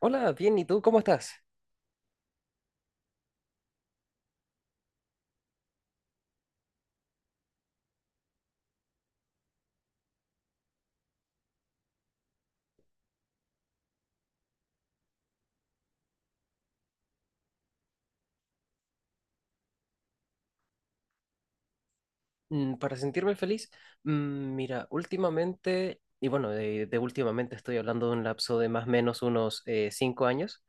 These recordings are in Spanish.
Hola, bien, ¿y tú cómo estás? Mm, para sentirme feliz, mm, mira, últimamente, y bueno, de últimamente estoy hablando de un lapso de más o menos unos 5 años.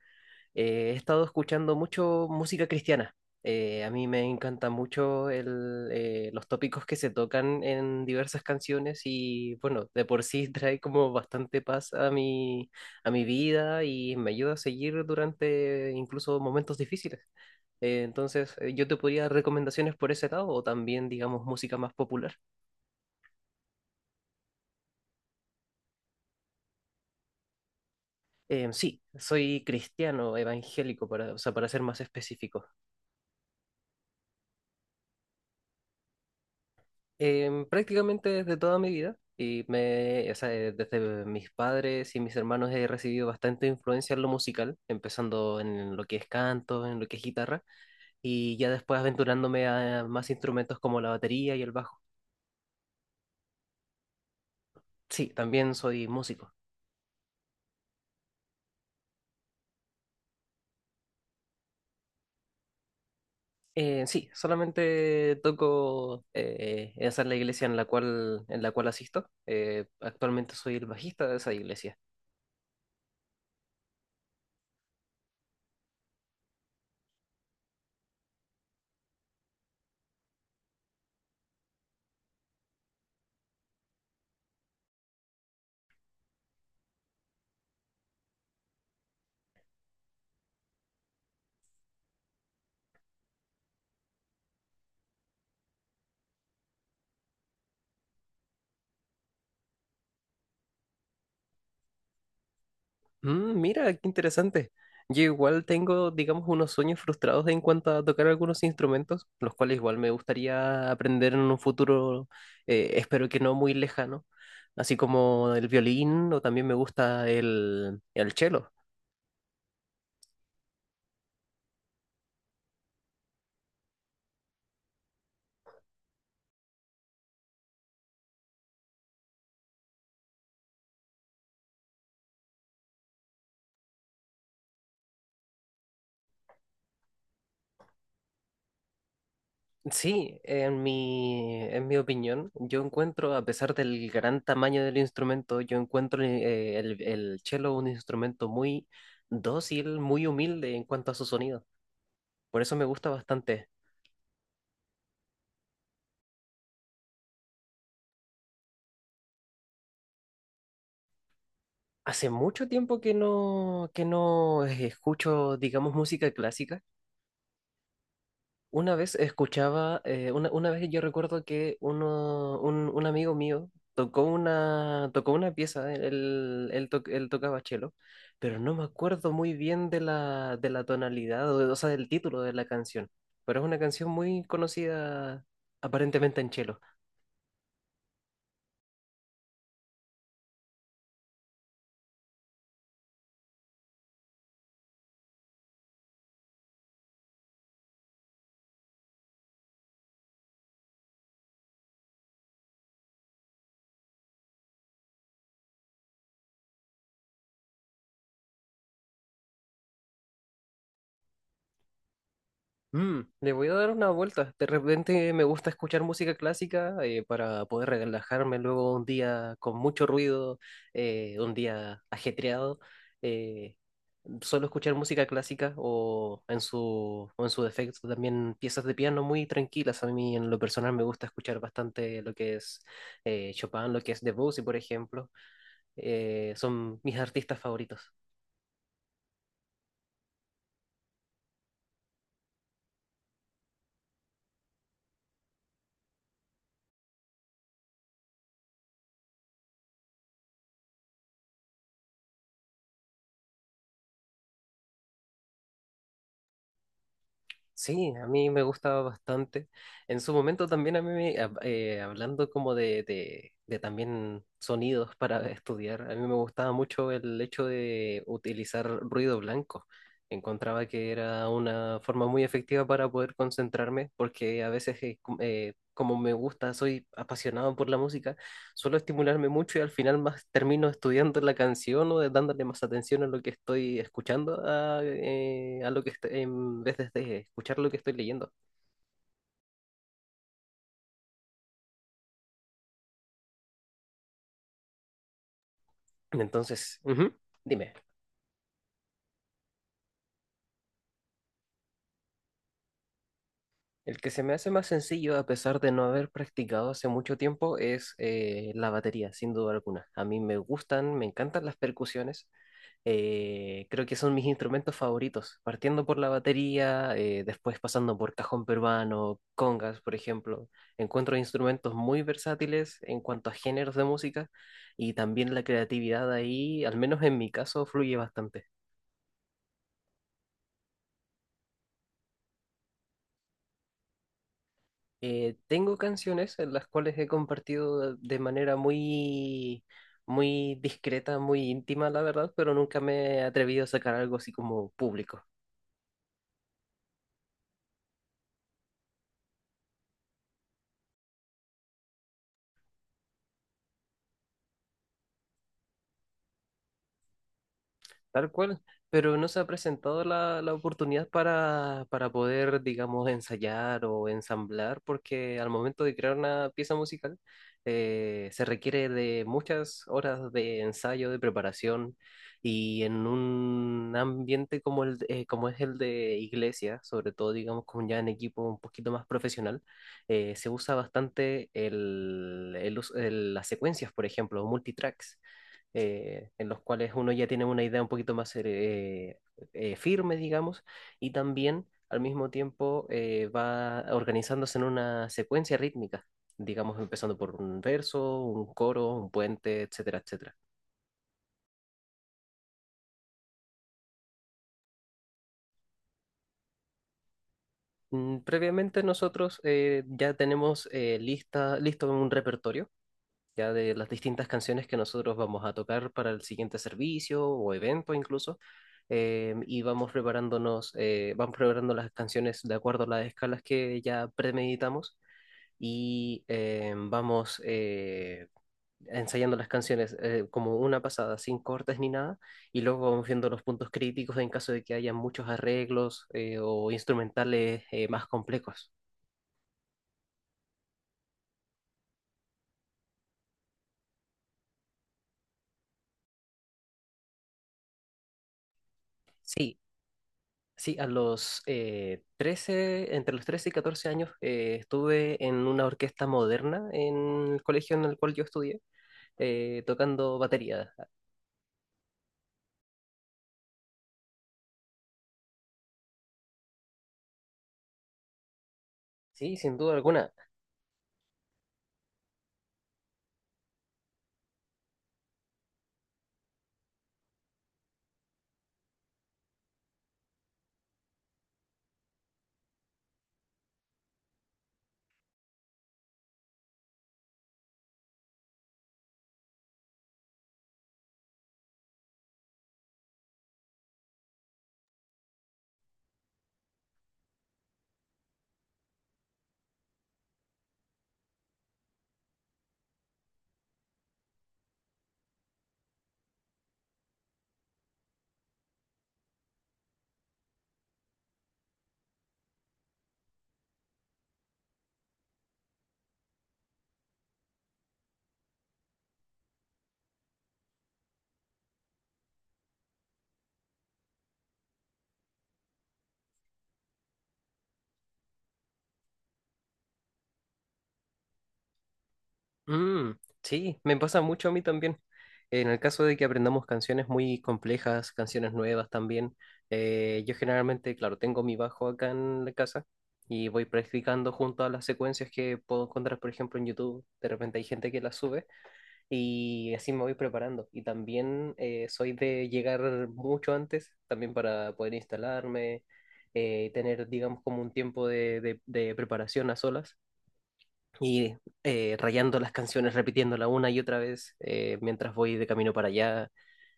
He estado escuchando mucho música cristiana. A mí me encanta mucho los tópicos que se tocan en diversas canciones y bueno, de por sí trae como bastante paz a a mi vida y me ayuda a seguir durante incluso momentos difíciles. Entonces, yo te podría dar recomendaciones por ese lado o también, digamos, música más popular. Sí, soy cristiano evangélico, para, o sea, para ser más específico. Prácticamente desde toda mi vida, y o sea, desde mis padres y mis hermanos he recibido bastante influencia en lo musical, empezando en lo que es canto, en lo que es guitarra, y ya después aventurándome a más instrumentos como la batería y el bajo. Sí, también soy músico. Sí, solamente toco esa es la iglesia en en la cual asisto. Actualmente soy el bajista de esa iglesia. Mm, mira, qué interesante. Yo igual tengo, digamos, unos sueños frustrados en cuanto a tocar algunos instrumentos, los cuales igual me gustaría aprender en un futuro, espero que no muy lejano, así como el violín o también me gusta el cello. Sí, en mi opinión, yo encuentro, a pesar del gran tamaño del instrumento, yo encuentro el cello un instrumento muy dócil, muy humilde en cuanto a su sonido. Por eso me gusta bastante. Hace mucho tiempo que no escucho, digamos, música clásica. Una vez escuchaba, una vez yo recuerdo que un amigo mío tocó una pieza, él tocaba cello, pero no me acuerdo muy bien de de la tonalidad, o sea, del título de la canción. Pero es una canción muy conocida aparentemente en cello. Mm, le voy a dar una vuelta. De repente me gusta escuchar música clásica para poder relajarme luego un día con mucho ruido, un día ajetreado. eh, Suelo escuchar música clásica o en su defecto también piezas de piano muy tranquilas. A mí en lo personal me gusta escuchar bastante lo que es Chopin, lo que es Debussy, por ejemplo. Son mis artistas favoritos. Sí, a mí me gusta bastante. En su momento también a mí, hablando como de también sonidos para estudiar, a mí me gustaba mucho el hecho de utilizar ruido blanco. Encontraba que era una forma muy efectiva para poder concentrarme, porque a veces, como me gusta, soy apasionado por la música, suelo estimularme mucho y al final más termino estudiando la canción o dándole más atención a lo que estoy escuchando a lo que en vez de escuchar lo que estoy leyendo. Entonces, ujú, dime, el que se me hace más sencillo a pesar de no haber practicado hace mucho tiempo es la batería, sin duda alguna. A mí me encantan las percusiones. Creo que son mis instrumentos favoritos, partiendo por la batería, después pasando por cajón peruano, congas, por ejemplo. Encuentro instrumentos muy versátiles en cuanto a géneros de música y también la creatividad ahí, al menos en mi caso, fluye bastante. Tengo canciones en las cuales he compartido de manera muy discreta, muy íntima, la verdad, pero nunca me he atrevido a sacar algo así como público. Tal cual, pero no se ha presentado la oportunidad para poder, digamos, ensayar o ensamblar, porque al momento de crear una pieza musical se requiere de muchas horas de ensayo, de preparación, y en un ambiente como es el de iglesia, sobre todo, digamos, como ya en equipo un poquito más profesional, se usa bastante las secuencias, por ejemplo, multitracks en los cuales uno ya tiene una idea un poquito más firme, digamos, y también al mismo tiempo va organizándose en una secuencia rítmica, digamos, empezando por un verso, un coro, un puente, etcétera, etcétera. Mm, previamente nosotros ya tenemos listo un repertorio ya de las distintas canciones que nosotros vamos a tocar para el siguiente servicio o evento incluso, y vamos preparándonos, vamos preparando las canciones de acuerdo a las escalas que ya premeditamos y vamos ensayando las canciones como una pasada, sin cortes ni nada, y luego vamos viendo los puntos críticos en caso de que haya muchos arreglos o instrumentales más complejos. Sí, sí, a los 13, entre los 13 y 14 años, estuve en una orquesta moderna en el colegio en el cual yo estudié, tocando batería. Sí, sin duda alguna. Mm, sí, me pasa mucho a mí también. En el caso de que aprendamos canciones muy complejas, canciones nuevas también, yo generalmente, claro, tengo mi bajo acá en la casa y voy practicando junto a las secuencias que puedo encontrar, por ejemplo, en YouTube. De repente hay gente que las sube. Y así me voy preparando. Y también soy de llegar mucho antes, también para poder instalarme, tener, digamos, como un tiempo de preparación a solas. Y rayando las canciones, repitiéndola una y otra vez mientras voy de camino para allá.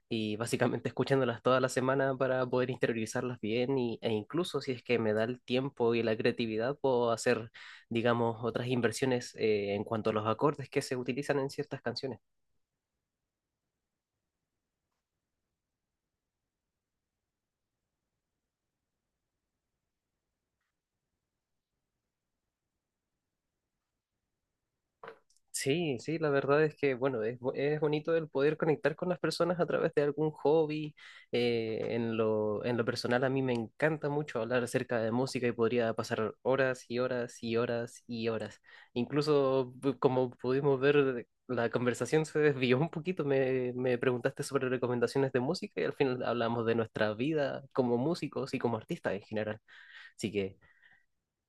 Y básicamente escuchándolas toda la semana para poder interiorizarlas bien. Y, e incluso si es que me da el tiempo y la creatividad, puedo hacer, digamos, otras inversiones en cuanto a los acordes que se utilizan en ciertas canciones. Sí, sí, la verdad es que, bueno, es bonito el poder conectar con las personas a través de algún hobby. En lo personal, a mí me encanta mucho hablar acerca de música y podría pasar horas y horas y horas y horas. Incluso, como pudimos ver, la conversación se desvió un poquito. Me preguntaste sobre recomendaciones de música y al final hablamos de nuestra vida como músicos y como artistas en general. Así que...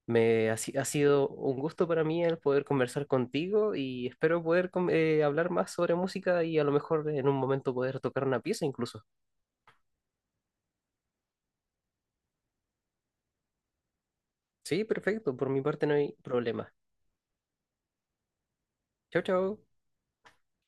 Me ha, si- ha sido un gusto para mí el poder conversar contigo y espero poder hablar más sobre música y a lo mejor en un momento poder tocar una pieza incluso. Sí, perfecto, por mi parte no hay problema. Chao, chao.